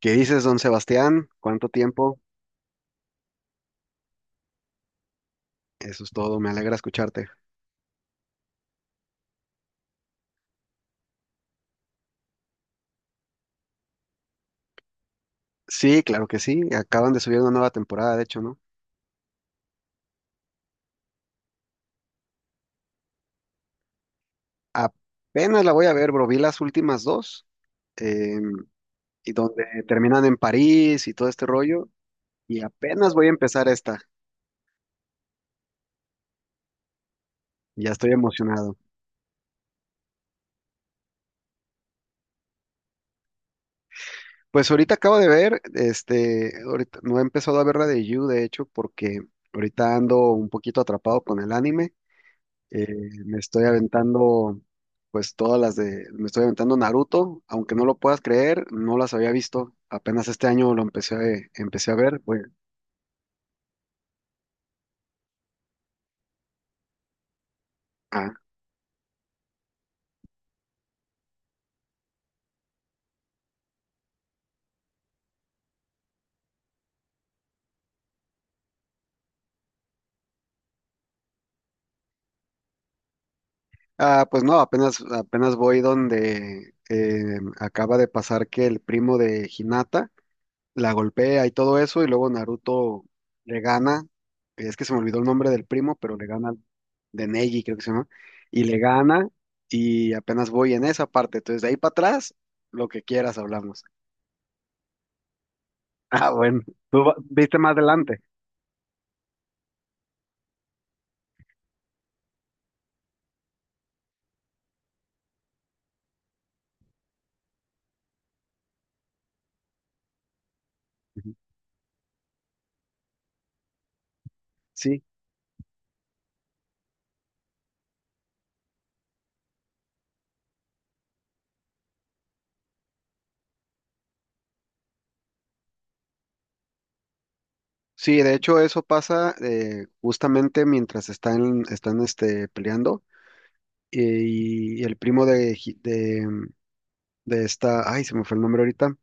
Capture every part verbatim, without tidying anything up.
¿Qué dices, don Sebastián? ¿Cuánto tiempo? Eso es todo, me alegra escucharte. Sí, claro que sí, acaban de subir una nueva temporada, de hecho, ¿no? Apenas la voy a ver, bro, vi las últimas dos, eh, y donde terminan en París y todo este rollo, y apenas voy a empezar esta, ya estoy emocionado. Pues ahorita acabo de ver, este, ahorita no he empezado a ver la de You, de hecho, porque ahorita ando un poquito atrapado con el anime. Eh, Me estoy aventando, pues todas las de, me estoy aventando Naruto, aunque no lo puedas creer, no las había visto. Apenas este año lo empecé a, eh, empecé a ver. Bueno, ah, ah, pues no, apenas, apenas voy donde eh, acaba de pasar que el primo de Hinata la golpea y todo eso, y luego Naruto le gana. Es que se me olvidó el nombre del primo, pero le gana al de Neji, creo que se llama, y le gana, y apenas voy en esa parte. Entonces de ahí para atrás, lo que quieras hablamos. Ah, bueno, tú va- viste más adelante. Ujú. Sí, sí, de hecho eso pasa eh, justamente mientras están, están este, peleando, eh, y, y el primo de, Hi- de, de esta, ay, se me fue el nombre ahorita,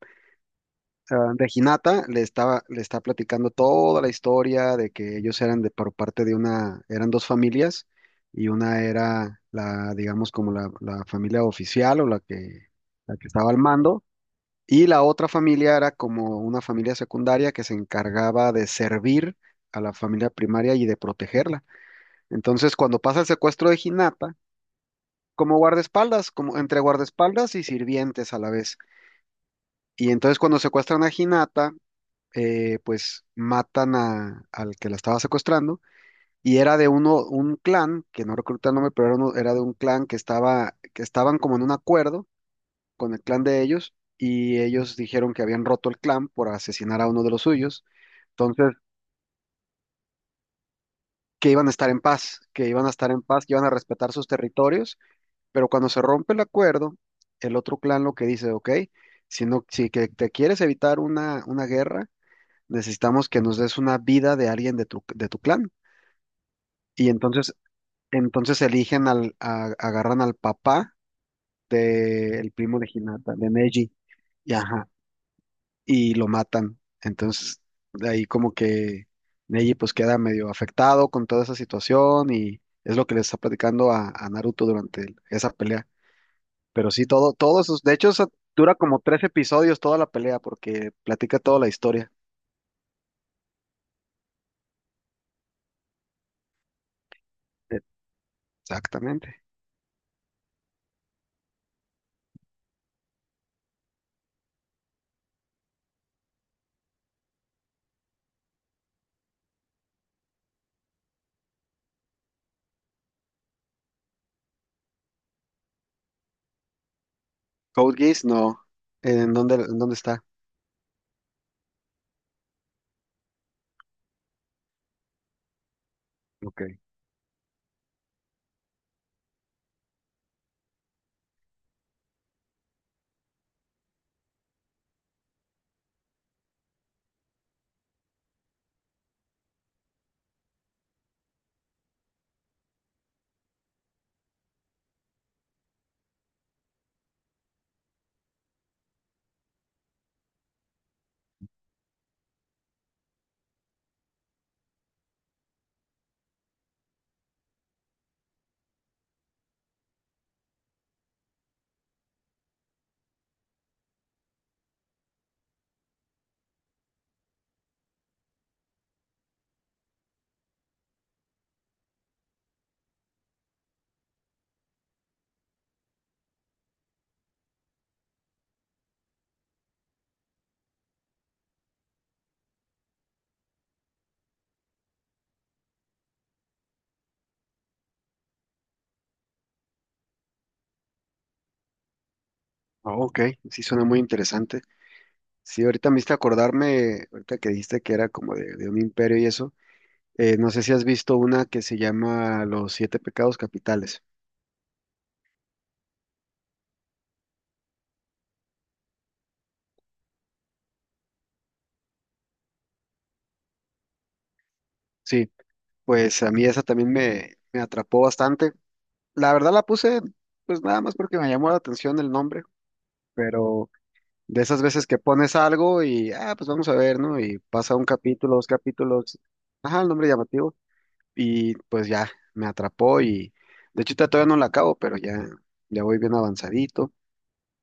ah, Reginata le estaba, le está platicando toda la historia de que ellos eran de por parte de una, eran dos familias y una era la, digamos, como la, la familia oficial o la que, la que estaba al mando, y la otra familia era como una familia secundaria que se encargaba de servir a la familia primaria y de protegerla. Entonces, cuando pasa el secuestro de Hinata, como guardaespaldas, como entre guardaespaldas y sirvientes a la vez. Y entonces cuando secuestran a Hinata, eh, pues matan a, al que la estaba secuestrando, y era de uno, un clan, que no recuerdo el nombre, pero era, uno- era de un clan que estaba, que estaban como en un acuerdo con el clan de ellos, y ellos dijeron que habían roto el clan por asesinar a uno de los suyos. Entonces, que iban a estar en paz, que iban a estar en paz, que iban a respetar sus territorios, pero cuando se rompe el acuerdo, el otro clan lo que dice, ok, si no, si que te quieres evitar una, una guerra, necesitamos que nos des una vida de alguien de tu, de tu clan. Y entonces, entonces eligen al, a- agarran al papá del primo de Hinata, de Neji, y ajá, y lo matan. Entonces, de ahí como que Neji pues queda medio afectado con toda esa situación, y es lo que le está platicando a, a Naruto durante el- esa pelea. Pero sí, todo, todos esos, de hecho, eso dura como tres episodios toda la pelea porque platica toda la historia. Exactamente. Code Geass, no. ¿En dónde, en dónde está? Ok. Oh, ok, sí suena muy interesante. Sí, ahorita me hiciste acordarme, ahorita que dijiste que era como de, de un imperio y eso, eh, no sé si has visto una que se llama Los Siete Pecados Capitales. Sí, pues a mí esa también me, me atrapó bastante. La verdad la puse, pues nada más porque me llamó la atención el nombre, pero de esas veces que pones algo y, ah, pues vamos a ver, ¿no? Y pasa un capítulo, dos capítulos, ajá, el nombre llamativo, y pues ya, me atrapó, y de hecho ahorita todavía no la acabo, pero ya, ya voy bien avanzadito.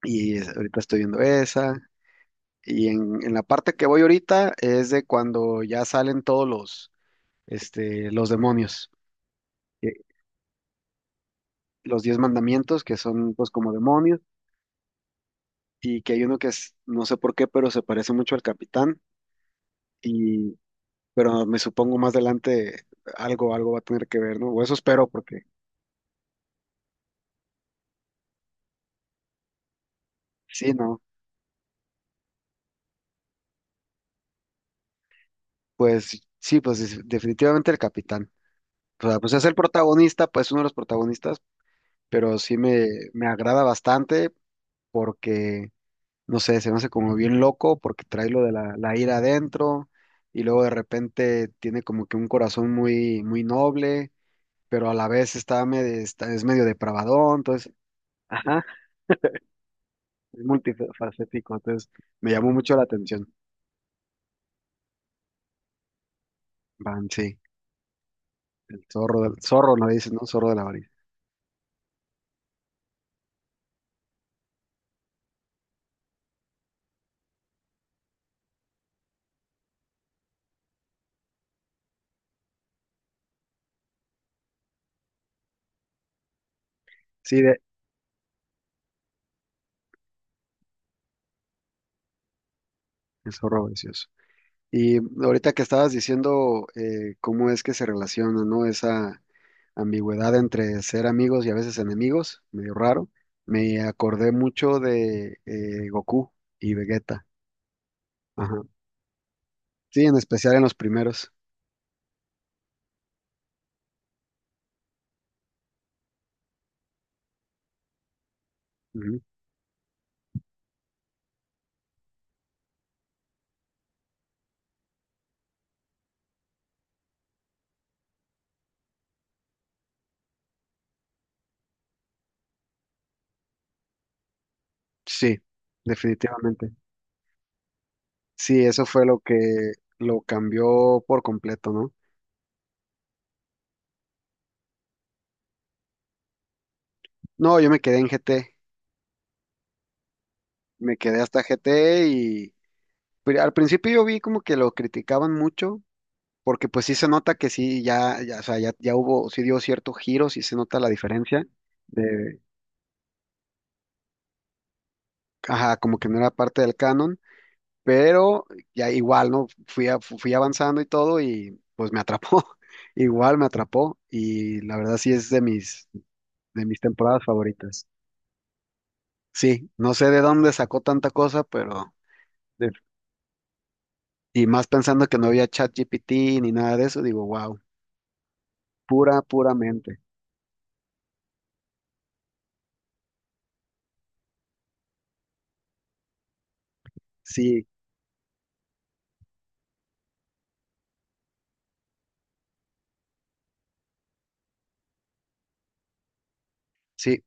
Y es- ahorita estoy viendo esa. Y en, en la parte que voy ahorita es de cuando ya salen todos los, este, los demonios, que- los diez mandamientos que son pues como demonios, y que hay uno que es, no sé por qué, pero se parece mucho al capitán y, pero me supongo más adelante algo, algo va a tener que ver, ¿no? O eso espero porque sí, ¿no? Pues sí, pues es- definitivamente el capitán. O sea, pues es el protagonista, pues uno de los protagonistas, pero sí me, me agrada bastante porque no sé, se me hace como bien loco porque trae lo de la, la ira adentro, y luego de repente tiene como que un corazón muy, muy noble, pero a la vez está medio, está- es medio depravadón. Entonces, ajá, es multifacético, entonces me llamó mucho la atención. Van, sí, el zorro, del, zorro, no dices, ¿no? Zorro de la varita. Sí, de, el zorro vicioso. Y ahorita que estabas diciendo eh, cómo es que se relaciona, ¿no? Esa ambigüedad entre ser amigos y a veces enemigos, medio raro. Me acordé mucho de eh, Goku y Vegeta. Ajá. Sí, en especial en los primeros. Ujú. Sí, definitivamente. Sí, eso fue lo que lo cambió por completo, ¿no? No, yo me quedé en G T, me quedé hasta G T, y pri- al principio yo vi como que lo criticaban mucho, porque pues sí se nota que sí, ya, ya, o sea, ya, ya hubo, sí dio cierto giro, sí se nota la diferencia. Ajá, como que no era parte del canon, pero ya igual, ¿no? Fui, a- fu- fui avanzando y todo, y pues me atrapó, igual me atrapó, y la verdad sí es de mis, de mis temporadas favoritas. Sí, no sé de dónde sacó tanta cosa, pero de- y más pensando que no había ChatGPT ni nada de eso, digo, wow, pura, puramente. Sí, sí.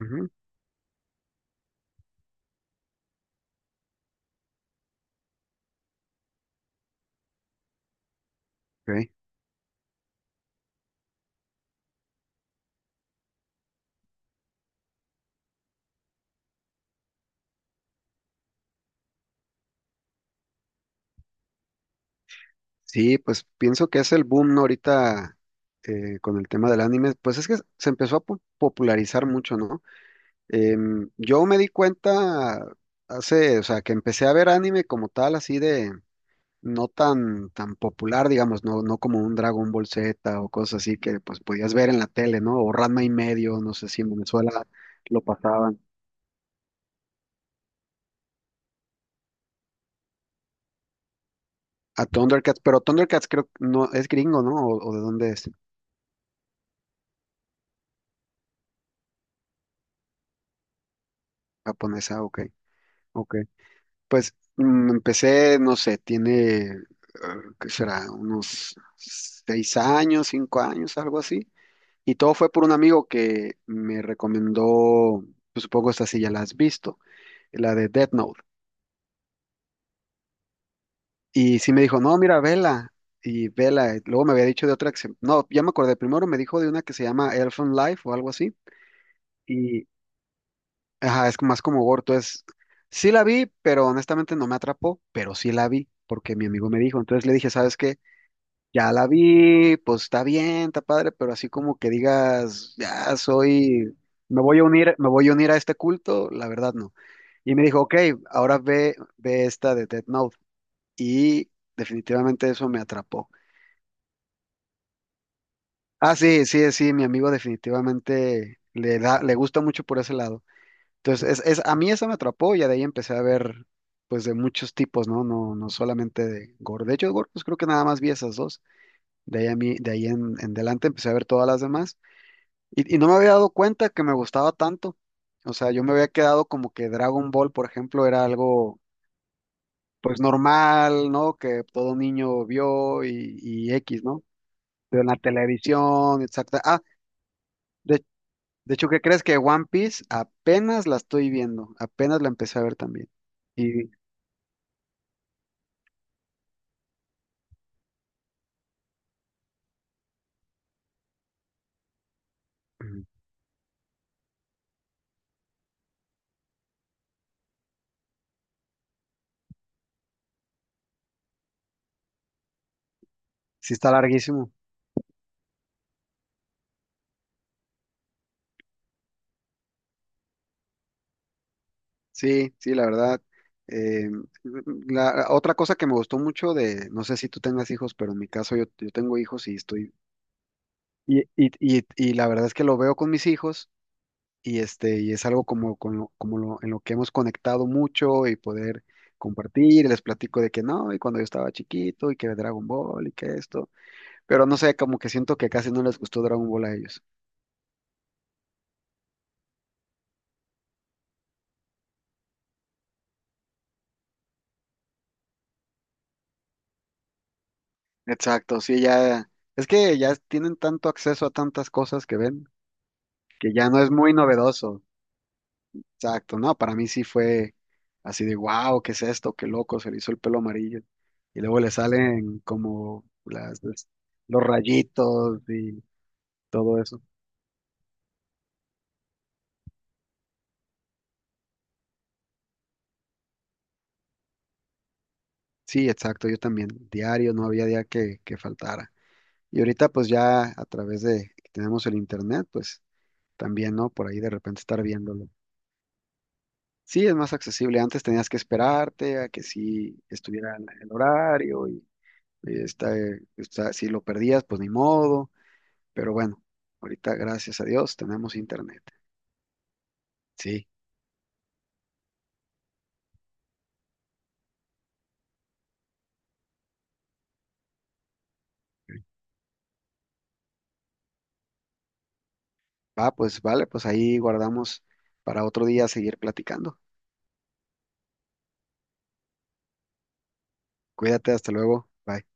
Ujú, ok. Sí, pues pienso que es el boom, ¿no? Ahorita eh, con el tema del anime, pues es que se empezó a po- popularizar mucho, ¿no? Em, yo me di cuenta hace, o sea, que empecé a ver anime como tal, así de no tan, tan popular, digamos, no, no como un Dragon Ball Z o cosas así que pues podías ver en la tele, ¿no? O Ranma y medio, no sé si en Venezuela lo pasaban. A Thundercats, pero Thundercats creo que no es gringo, ¿no? ¿O, o de dónde es? Japonesa, ok, ok. Pues mm, empecé, no sé, tiene, eh, ¿qué será? Unos seis años, cinco años, algo así. Y todo fue por un amigo que me recomendó, pues, supongo esta sí ya la has visto, la de Death Note. Y sí me dijo, no, mira, vela. Y vela, luego me había dicho de otra que se- no, ya me acordé, primero me dijo de una que se llama Elfen Life o algo así. Y, ajá, es más como gore. Entonces, sí la vi, pero honestamente no me atrapó, pero sí la vi, porque mi amigo me dijo. Entonces le dije, ¿sabes qué? Ya la vi, pues está bien, está padre, pero así como que digas, ya soy, me voy a unir, me voy a unir a este culto, la verdad no. Y me dijo, ok, ahora ve, ve esta de Death Note. Y definitivamente eso me atrapó. Ah, sí, sí, sí, mi amigo definitivamente le da, le gusta mucho por ese lado. Entonces, es, es, a mí eso me atrapó, y ya de ahí empecé a ver, pues, de muchos tipos, ¿no? No, no solamente de gore. De hecho, de gore, pues creo que nada más vi esas dos. De ahí, a mí, de ahí en, en adelante empecé a ver todas las demás. Y, y no me había dado cuenta que me gustaba tanto. O sea, yo me había quedado como que Dragon Ball, por ejemplo, era algo pues normal, ¿no? Que todo niño vio, y, y X, ¿no? Pero en la televisión, exacta. Ah, de, de hecho, ¿qué crees que One Piece apenas la estoy viendo? Apenas la empecé a ver también. Y mm, sí está larguísimo. Sí, sí, la verdad. Eh, la, otra cosa que me gustó mucho de, no sé si tú tengas hijos, pero en mi caso yo, yo tengo hijos y estoy, y, y, y, y la verdad es que lo veo con mis hijos y este, y es algo como, con lo- como lo- en lo que hemos conectado mucho y poder compartir, y les platico de que no, y cuando yo estaba chiquito y que Dragon Ball y que esto, pero no sé, como que siento que casi no les gustó Dragon Ball a ellos. Exacto, sí, ya es que ya tienen tanto acceso a tantas cosas que ven que ya no es muy novedoso. Exacto, no, para mí sí fue así de wow, ¿qué es esto? Qué loco, se le hizo el pelo amarillo. Y luego le salen como las, los rayitos y todo eso. Sí, exacto, yo también, diario, no había día que, que faltara. Y ahorita pues ya a través de que tenemos el internet, pues también, ¿no? Por ahí de repente estar viéndolo. Sí, es más accesible. Antes tenías que esperarte a que sí estuviera el el horario y, y está, eh, está- si lo perdías, pues ni modo. Pero bueno, ahorita gracias a Dios tenemos internet. Sí, va, pues vale, pues ahí guardamos para otro día seguir platicando. Cuídate, hasta luego. Bye.